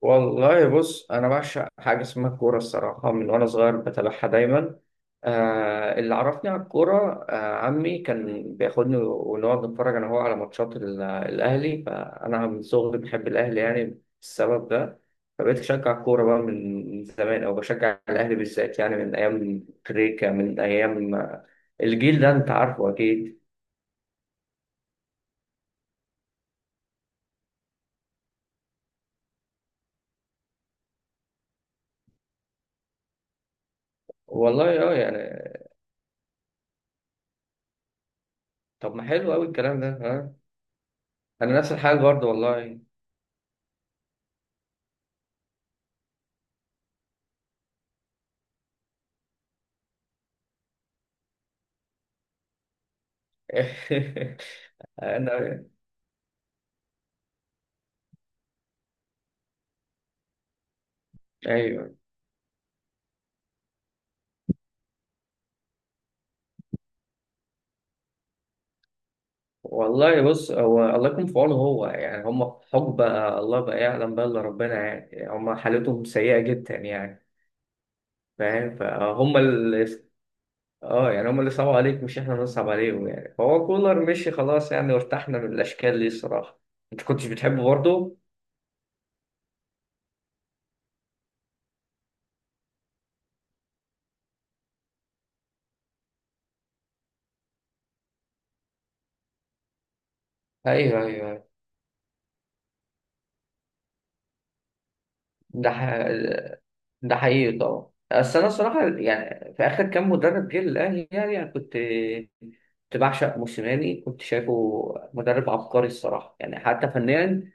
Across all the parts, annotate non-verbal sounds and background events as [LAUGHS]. والله بص انا بعشق حاجه اسمها الكوره الصراحه من وانا صغير بتابعها دايما. آه اللي عرفني على الكوره عمي كان بياخدني ونقعد نتفرج انا وهو على ماتشات الاهلي، فانا من صغري بحب الاهلي يعني السبب ده. فبقيت اشجع الكوره بقى من زمان او بشجع الاهلي بالذات يعني من ايام كريكا، من ايام الجيل ده انت عارفه اكيد. والله اه يعني. طب ما حلو قوي الكلام ده، ها. انا نفس الحاجه برضه والله. [LAUGHS] انا ايوه. والله بص، هو الله يكون في عونه، هو يعني هم في حقبه الله بقى يعلم بقى الا ربنا، يعني هم حالتهم سيئه جدا يعني. فاهم فهم اللي. اه يعني هم اللي صعبوا عليك مش احنا اللي نصعب عليهم يعني، فهو كولر مشي خلاص يعني وارتحنا من الاشكال دي الصراحه. انت كنتش بتحبه برضه؟ ايوه ايوه. ده ح... ده حقيقي طبعا، بس انا الصراحه يعني في اخر كام مدرب جه للاهلي يعني انا كنت، كنت بعشق موسيماني، كنت شايفه مدرب عبقري الصراحه يعني حتى فنيا.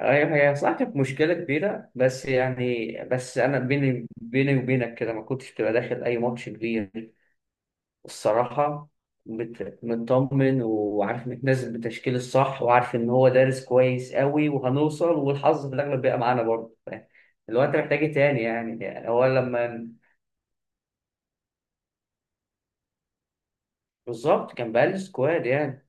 هي صح، كانت مشكله كبيره، بس يعني بس انا بيني بيني وبينك كده ما كنتش بتبقى داخل اي ماتش كبير الصراحه. مطمن وعارف متنازل بالتشكيل الصح وعارف ان هو دارس كويس قوي وهنوصل والحظ في الاغلب بيبقى معانا برضه، فاهم؟ اللي هو انت محتاج إيه تاني يعني، يعني هو لما. بالظبط، كان بقالي سكواد يعني.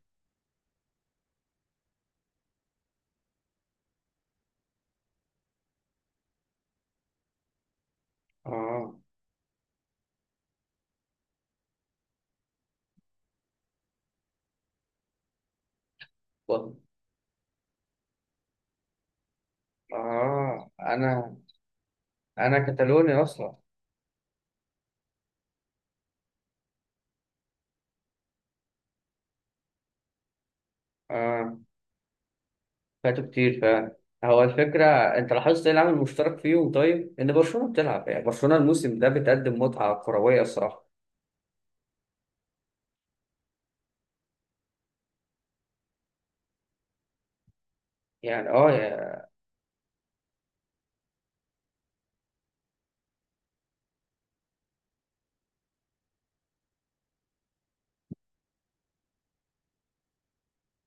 اه. بط- اه انا، انا كتالوني اصلا. اه فاتوا كتير فعلا. هو الفكره، انت لاحظت ايه العامل المشترك فيهم؟ طيب، ان برشلونه بتلعب يعني برشلونه الموسم ده بتقدم متعه كرويه الصراحه. يعني اه يا-.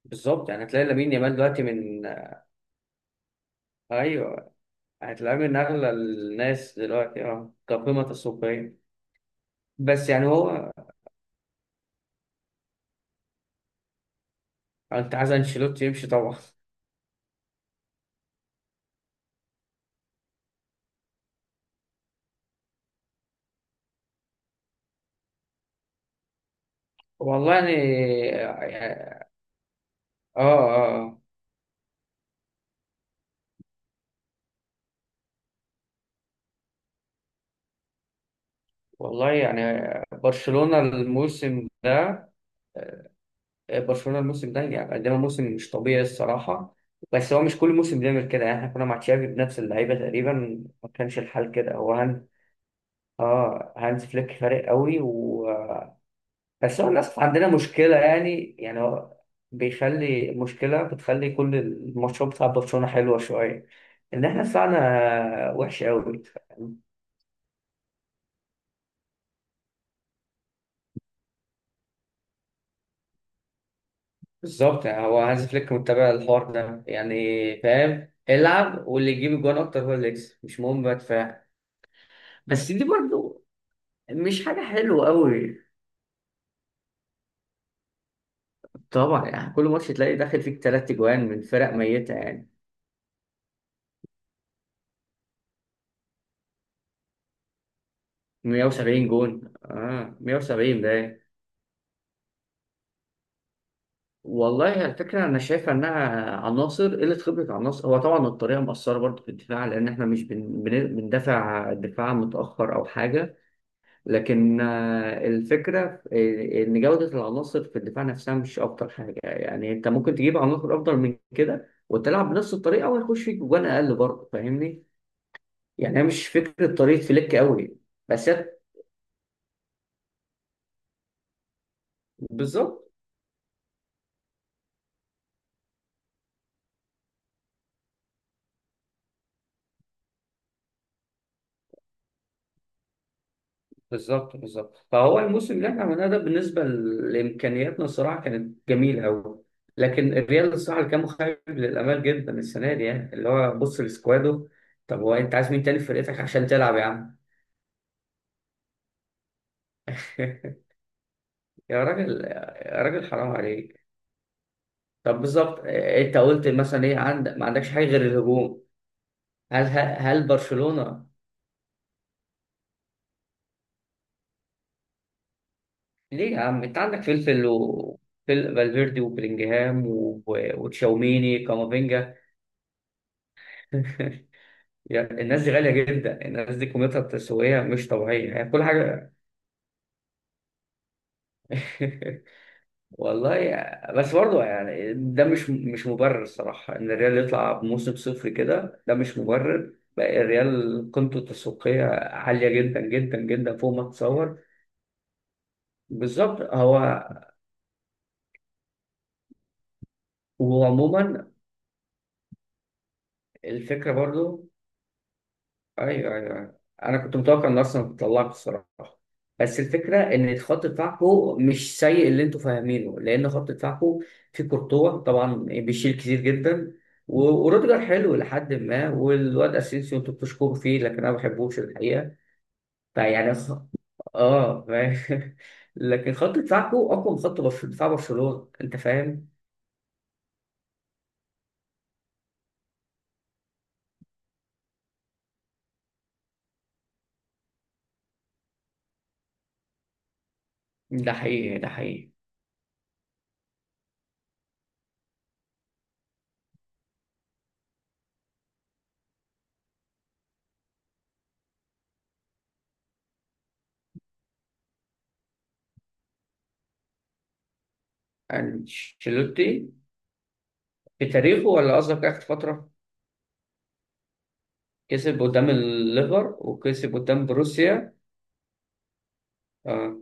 بالظبط، يعني هتلاقي لامين يامال دلوقتي من. ايوه، هتلاقيه من اغلى الناس دلوقتي اه كقيمه تسويقيه. بس يعني هو، انت عايز انشيلوتي يمشي طبعا. والله يعني اه اه آه. والله يعني برشلونة الموسم ده، برشلونة الموسم ده يعني قدم موسم مش طبيعي الصراحة. بس هو مش كل موسم بيعمل كده، يعني احنا كنا مع تشافي بنفس اللعيبة تقريبا، ما كانش الحال كده. هو هان اه، هانز فليك فارق قوي بس هو للأسف عندنا مشكلة، يعني يعني هو بيخلي مشكلة بتخلي كل الماتشات بتاع برشلونة حلوة شوية، إن إحنا دفاعنا وحش قوي. بالظبط، يعني هو هانز فليك متابع الحوار ده يعني. فاهم، العب واللي يجيب الجوان اكتر هو اللي يكسب، مش مهم بقى دفاع. بس دي برضو مش حاجة حلوة قوي، طبعا يعني كل ماتش تلاقي داخل فيك تلات جوان من فرق ميتة يعني. 170 جون، اه 170 ده إيه؟ والله الفكرة أنا شايفة إنها عناصر قلة خبرة، عناصر، هو طبعا الطريقة مؤثرة برضه في الدفاع لأن إحنا مش بندافع دفاع متأخر أو حاجة، لكن الفكرة إن جودة العناصر في الدفاع نفسها مش أفضل حاجة، يعني أنت ممكن تجيب عناصر أفضل من كده وتلعب بنفس الطريقة ويخش فيك جوان أقل برضه، فاهمني؟ يعني هي مش فكرة طريقة فليك قوي. بس هي-. بالظبط بالظبط بالظبط، فهو الموسم اللي احنا عملناه ده بالنسبة لإمكانياتنا الصراحة كانت جميلة أوي. لكن الريال الصراحة اللي كان مخيب للآمال جدا السنة دي، يعني اللي هو بص لسكواده. طب هو، أنت عايز مين تاني في فرقتك عشان تلعب يا عم؟ [LAUGHS] يا راجل يا راجل حرام عليك. طب بالظبط إيه، انت قلت مثلا ايه، عندك ما عندكش حاجه غير الهجوم؟ هل هل برشلونه. ليه يا عم، انت عندك فلفل و فالفيردي وبلينجهام وتشاوميني كامافينجا. [LAUGHS] يعني الناس دي غاليه جدا، الناس دي قيمتها التسويقيه مش طبيعيه يعني كل حاجه. [LAUGHS] والله يا-، بس برضه يعني ده مش مبرر الصراحة، إن الريال يطلع بموسم صفر كده ده مش مبرر بقى، الريال قيمته التسويقية عالية جدا جدا جدا فوق ما تتصور. بالظبط هو، وعموما الفكرة برضه. ايوه ايوه أيوة. انا كنت متوقع ان اصلا تطلعك الصراحه. بس الفكره ان خط دفاعكم مش سيء اللي انتوا فاهمينه، لان خط دفاعكم في كورتوا طبعا بيشيل كتير جدا، وروديجر حلو لحد ما، والواد اسينسيو انتوا بتشكروا فيه لكن انا ما بحبوش الحقيقه. فيعني خ... اه فاهم، [LAUGHS] لكن خط دفاعكم اقوى من خط دفاع برشلونه، انت فاهم. ده حقيقي ده حقيقي. انشيلوتي في تاريخه ولا قصدك اخر فتره؟ كسب قدام الليفر وكسب قدام بروسيا. اه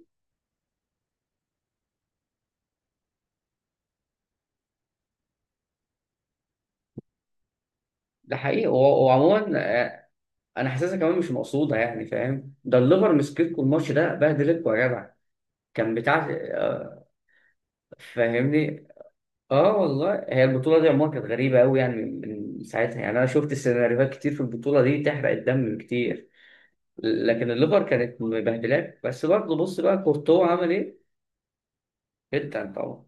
ده حقيقي وعموما آه، انا حاسسها كمان مش مقصوده، يعني فاهم، ده الليفر مسكتكم الماتش ده بهدلتكم يا جدع. كان بتاع فاهمني. اه والله هي البطوله دي عموما كانت غريبه قوي، يعني من، من ساعتها يعني انا شفت سيناريوهات كتير في البطوله دي تحرق الدم كتير. لكن الليفر كانت مبهدلاك، بس برضه بص بقى كورتوا عمل ايه؟ جدا طبعا،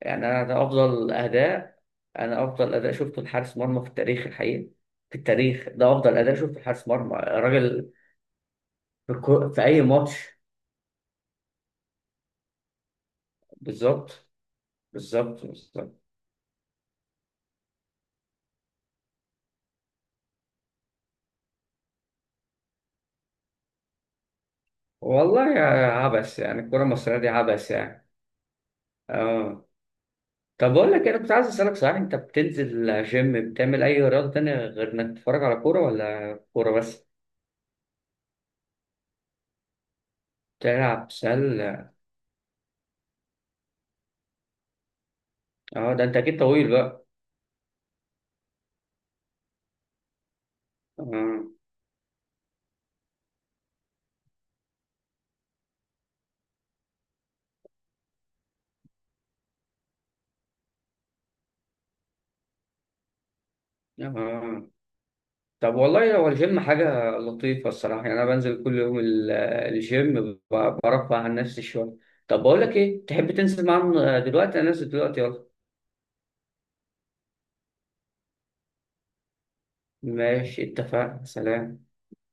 يعني انا ده افضل اداء، انا افضل اداء شفته لحارس مرمى في التاريخ الحقيقي، في التاريخ ده افضل اداء شفته لحارس مرمى راجل. في اي ماتش. بالظبط بالظبط. والله يا عبس، يعني الكره المصريه دي عبس يعني. اه طب بقول لك إيه، انا كنت عايز اسالك صحيح، انت بتنزل جيم بتعمل اي رياضه تانية غير انك تتفرج على كوره ولا كوره بس؟ تلعب سله؟ اه ده انت اكيد طويل بقى. اه اه. طب والله هو الجيم حاجة لطيفة الصراحة، يعني أنا بنزل كل يوم الجيم، برفع عن نفسي شوية. طب بقول لك إيه، تحب تنزل معانا دلوقتي؟ أنا نازل دلوقتي، يلا. ماشي اتفقنا، سلام.